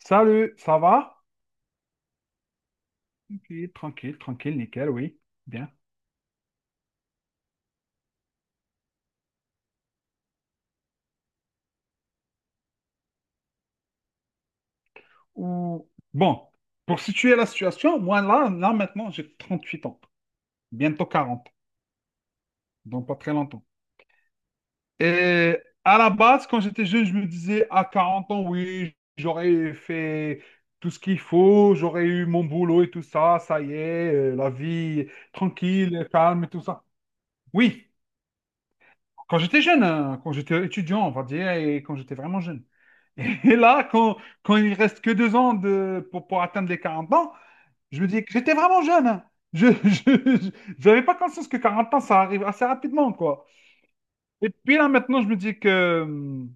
Salut, ça va? Tranquille, tranquille, tranquille, nickel, oui. Bien. Ou... Bon, pour situer la situation, moi là maintenant, j'ai 38 ans, bientôt 40, donc pas très longtemps. Et à la base, quand j'étais jeune, je me disais, à 40 ans, oui, j'aurais fait tout ce qu'il faut, j'aurais eu mon boulot et tout ça, ça y est, la vie tranquille, calme et tout ça. Oui, quand j'étais jeune, hein, quand j'étais étudiant, on va dire, et quand j'étais vraiment jeune. Et là, quand il reste que 2 ans pour atteindre les 40 ans, je me dis que j'étais vraiment jeune, hein. Je, je, j'avais pas conscience que 40 ans, ça arrive assez rapidement, quoi. Et puis là, maintenant, je me dis que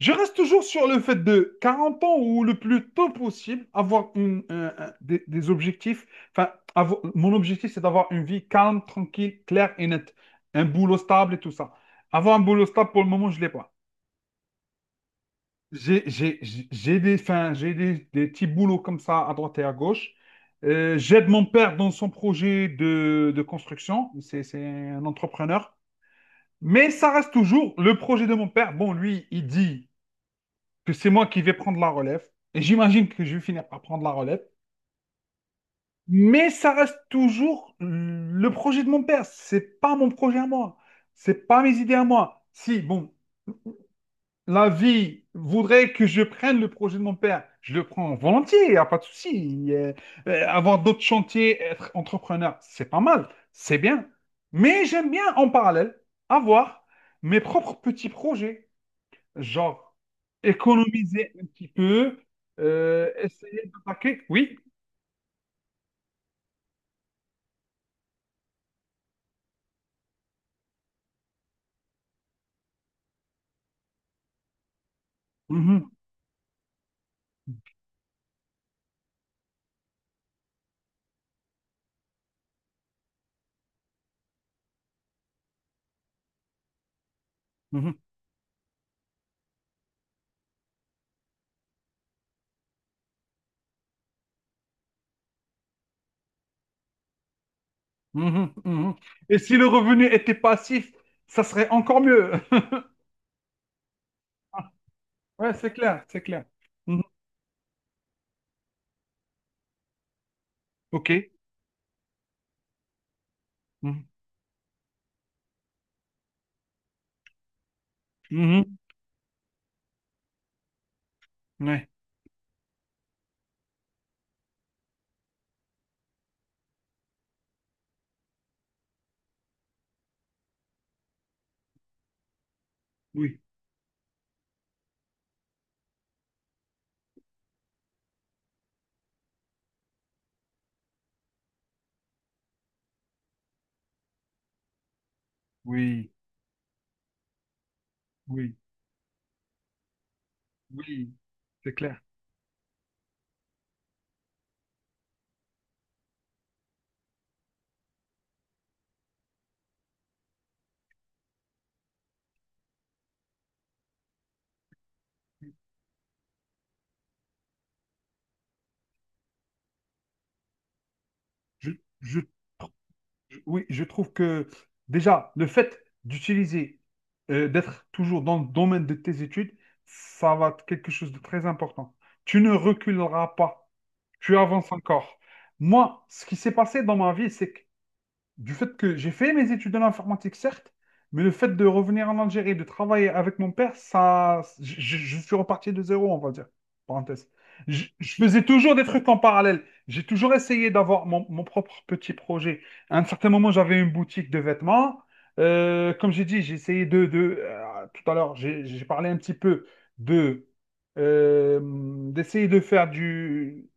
je reste toujours sur le fait de 40 ans ou le plus tôt possible, avoir une, un- des objectifs. Enfin, mon objectif, c'est d'avoir une vie calme, tranquille, claire et nette. Un boulot stable et tout ça. Avoir un boulot stable, pour le moment, je ne l'ai pas. Enfin, j'ai des petits boulots comme ça à droite et à gauche. J'aide mon père dans son projet de construction. C'est un entrepreneur. Mais ça reste toujours le projet de mon père. Bon, lui, il dit que c'est moi qui vais prendre la relève. Et j'imagine que je vais finir par prendre la relève. Mais ça reste toujours le projet de mon père. C'est pas mon projet à moi. C'est pas mes idées à moi. Si, bon, la vie voudrait que je prenne le projet de mon père, je le prends volontiers, il n'y a pas de souci. Avoir d'autres chantiers, être entrepreneur, c'est pas mal, c'est bien. Mais j'aime bien en parallèle avoir mes propres petits projets, genre économiser un petit peu, essayer d'attaquer, oui. Mhm, mhm, mhm, mhm. Et si le revenu était passif, ça serait encore mieux. Ouais, c'est clair, c'est clair. Mhm. Ok. Mhm. Mhm. Ouais. Oui, oui, oui, oui, c'est clair. Je, je- oui, je trouve que déjà, le fait d'utiliser, d'être toujours dans le domaine de tes études, ça va être quelque chose de très important. Tu ne reculeras pas, tu avances encore. Moi, ce qui s'est passé dans ma vie, c'est que du fait que j'ai fait mes études en informatique, certes, mais le fait de revenir en Algérie, et de travailler avec mon père, ça, suis reparti de zéro, on va dire. Parenthèse. Je faisais toujours des trucs en parallèle. J'ai toujours essayé d'avoir mon propre petit projet. À un certain moment, j'avais une boutique de vêtements. Comme j'ai dit, j'ai essayé de tout à l'heure, j'ai parlé un petit peu de euh, d'essayer de faire du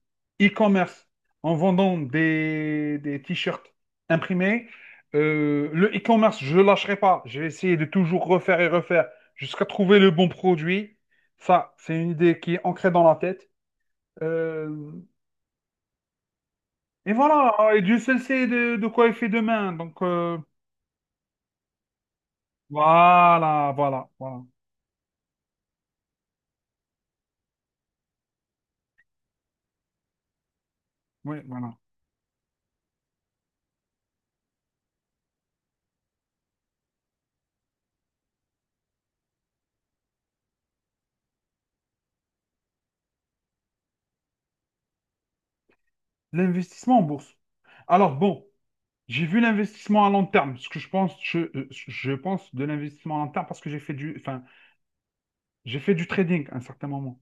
e-commerce en vendant des t-shirts imprimé. Le e-commerce, je ne lâcherai pas. Je vais essayer de toujours refaire et refaire jusqu'à trouver le bon produit. Ça, c'est une idée qui est ancrée dans la tête. Euh, et voilà, et Dieu seul sait de quoi il fait demain. Donc, voilà, voilà, voilà. Oui, voilà. L'investissement en bourse. Alors, bon, j'ai vu l'investissement à long terme. Ce que je pense, je pense de l'investissement à long terme parce que enfin, j'ai fait du trading à un certain moment.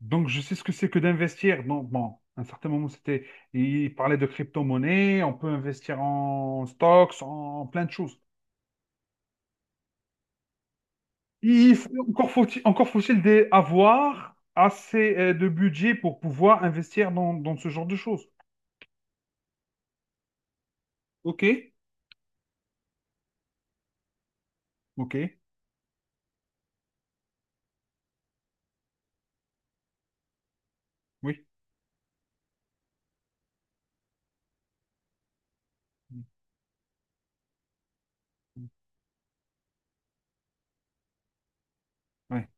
Donc, je sais ce que c'est que d'investir. Donc, bon, à un certain moment, c'était, il parlait de crypto-monnaie, on peut investir en stocks, en plein de choses. Il faut- encore faut-il avoir assez de budget pour pouvoir investir dans ce genre de choses. OK? OK, oui. Ouais.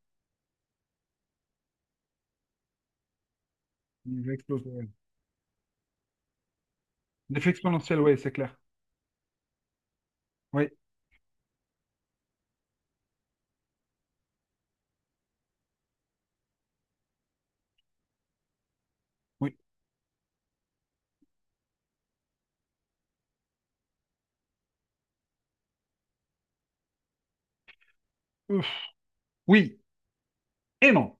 L'effet exponentiel, ouais. L'effet exponentiel, ouais, c'est clair. Oui, oui. Ouf. Oui et non.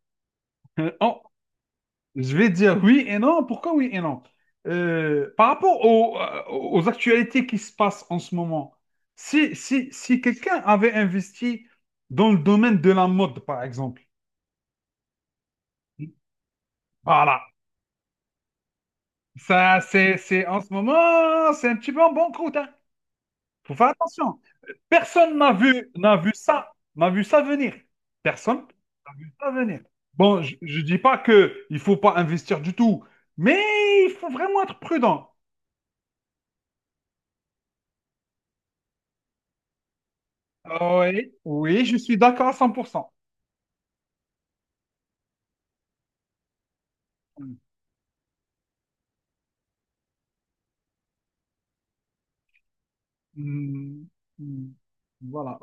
Euh, en- Je vais dire oui et non. Pourquoi oui et non? Par rapport aux, aux actualités qui se passent en ce moment, si quelqu'un avait investi dans le domaine de la mode, par exemple, voilà, ça, en ce moment, c'est un petit peu en bon croûte, hein. Faut faire attention. Personne n'a vu ça venir. Personne n'a vu ça venir. Bon, je dis pas que il faut pas investir du tout, mais il faut vraiment être prudent. Ah oui, oui, je suis d'accord à 100%. Mm, mm, mm, Voilà.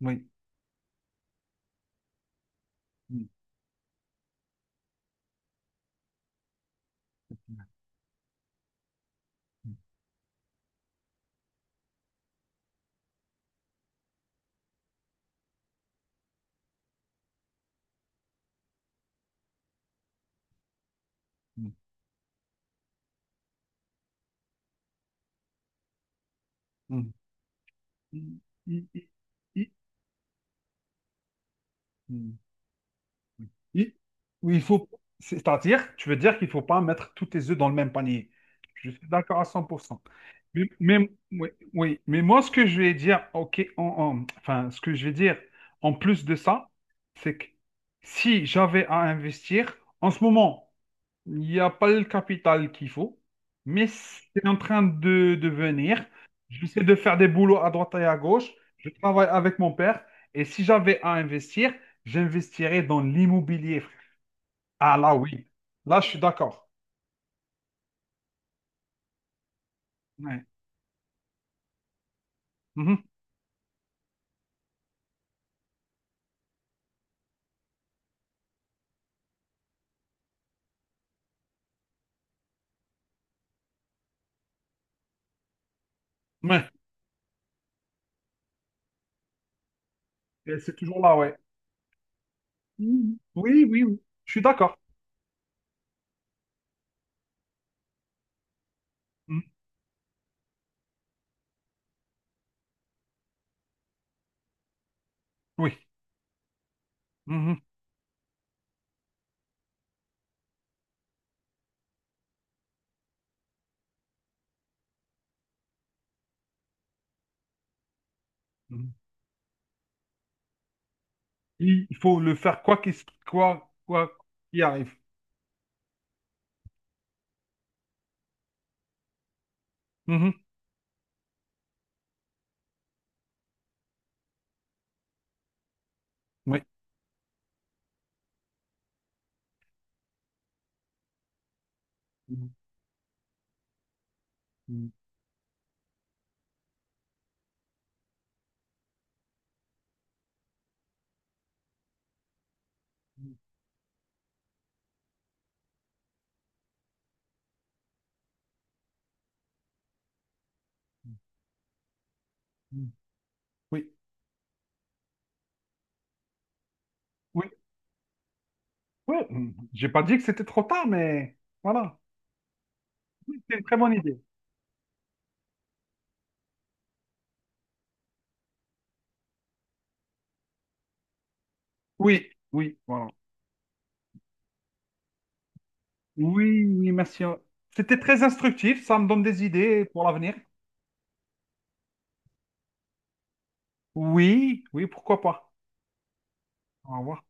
Oui. Mm, mm, mm, mm. I- mm, i- Oui, il faut. C'est-à-dire, tu veux dire qu'il ne faut pas mettre tous tes œufs dans le même panier. Je suis d'accord à 100%. Oui, oui. Mais moi, ce que je vais dire, ok, enfin, ce que je vais dire en plus de ça, c'est que si j'avais à investir, en ce moment, il n'y a pas le capital qu'il faut, mais c'est en train de venir. J'essaie de faire des boulots à droite et à gauche. Je travaille avec mon père. Et si j'avais à investir, j'investirais dans l'immobilier, frère. Ah là, oui. Là, je suis d'accord. Ouais. Mhm. Ouais. Et c'est toujours là, ouais. Mhm. Oui, oui, oui. Je suis d'accord. Mhm. Oui. Mhm. Mhm. Il faut le faire quoi qu'il arrive. Mhm. Oui. Mhm. Mhm. Mhm. Oui. Oui. Oui, j'ai pas dit que c'était trop tard, mais voilà. Oui, c'est une très bonne idée. Oui, oui, voilà. Oui, oui, merci. C'était très instructif, ça me donne des idées pour l'avenir. Oui, oui, pourquoi pas. Au revoir.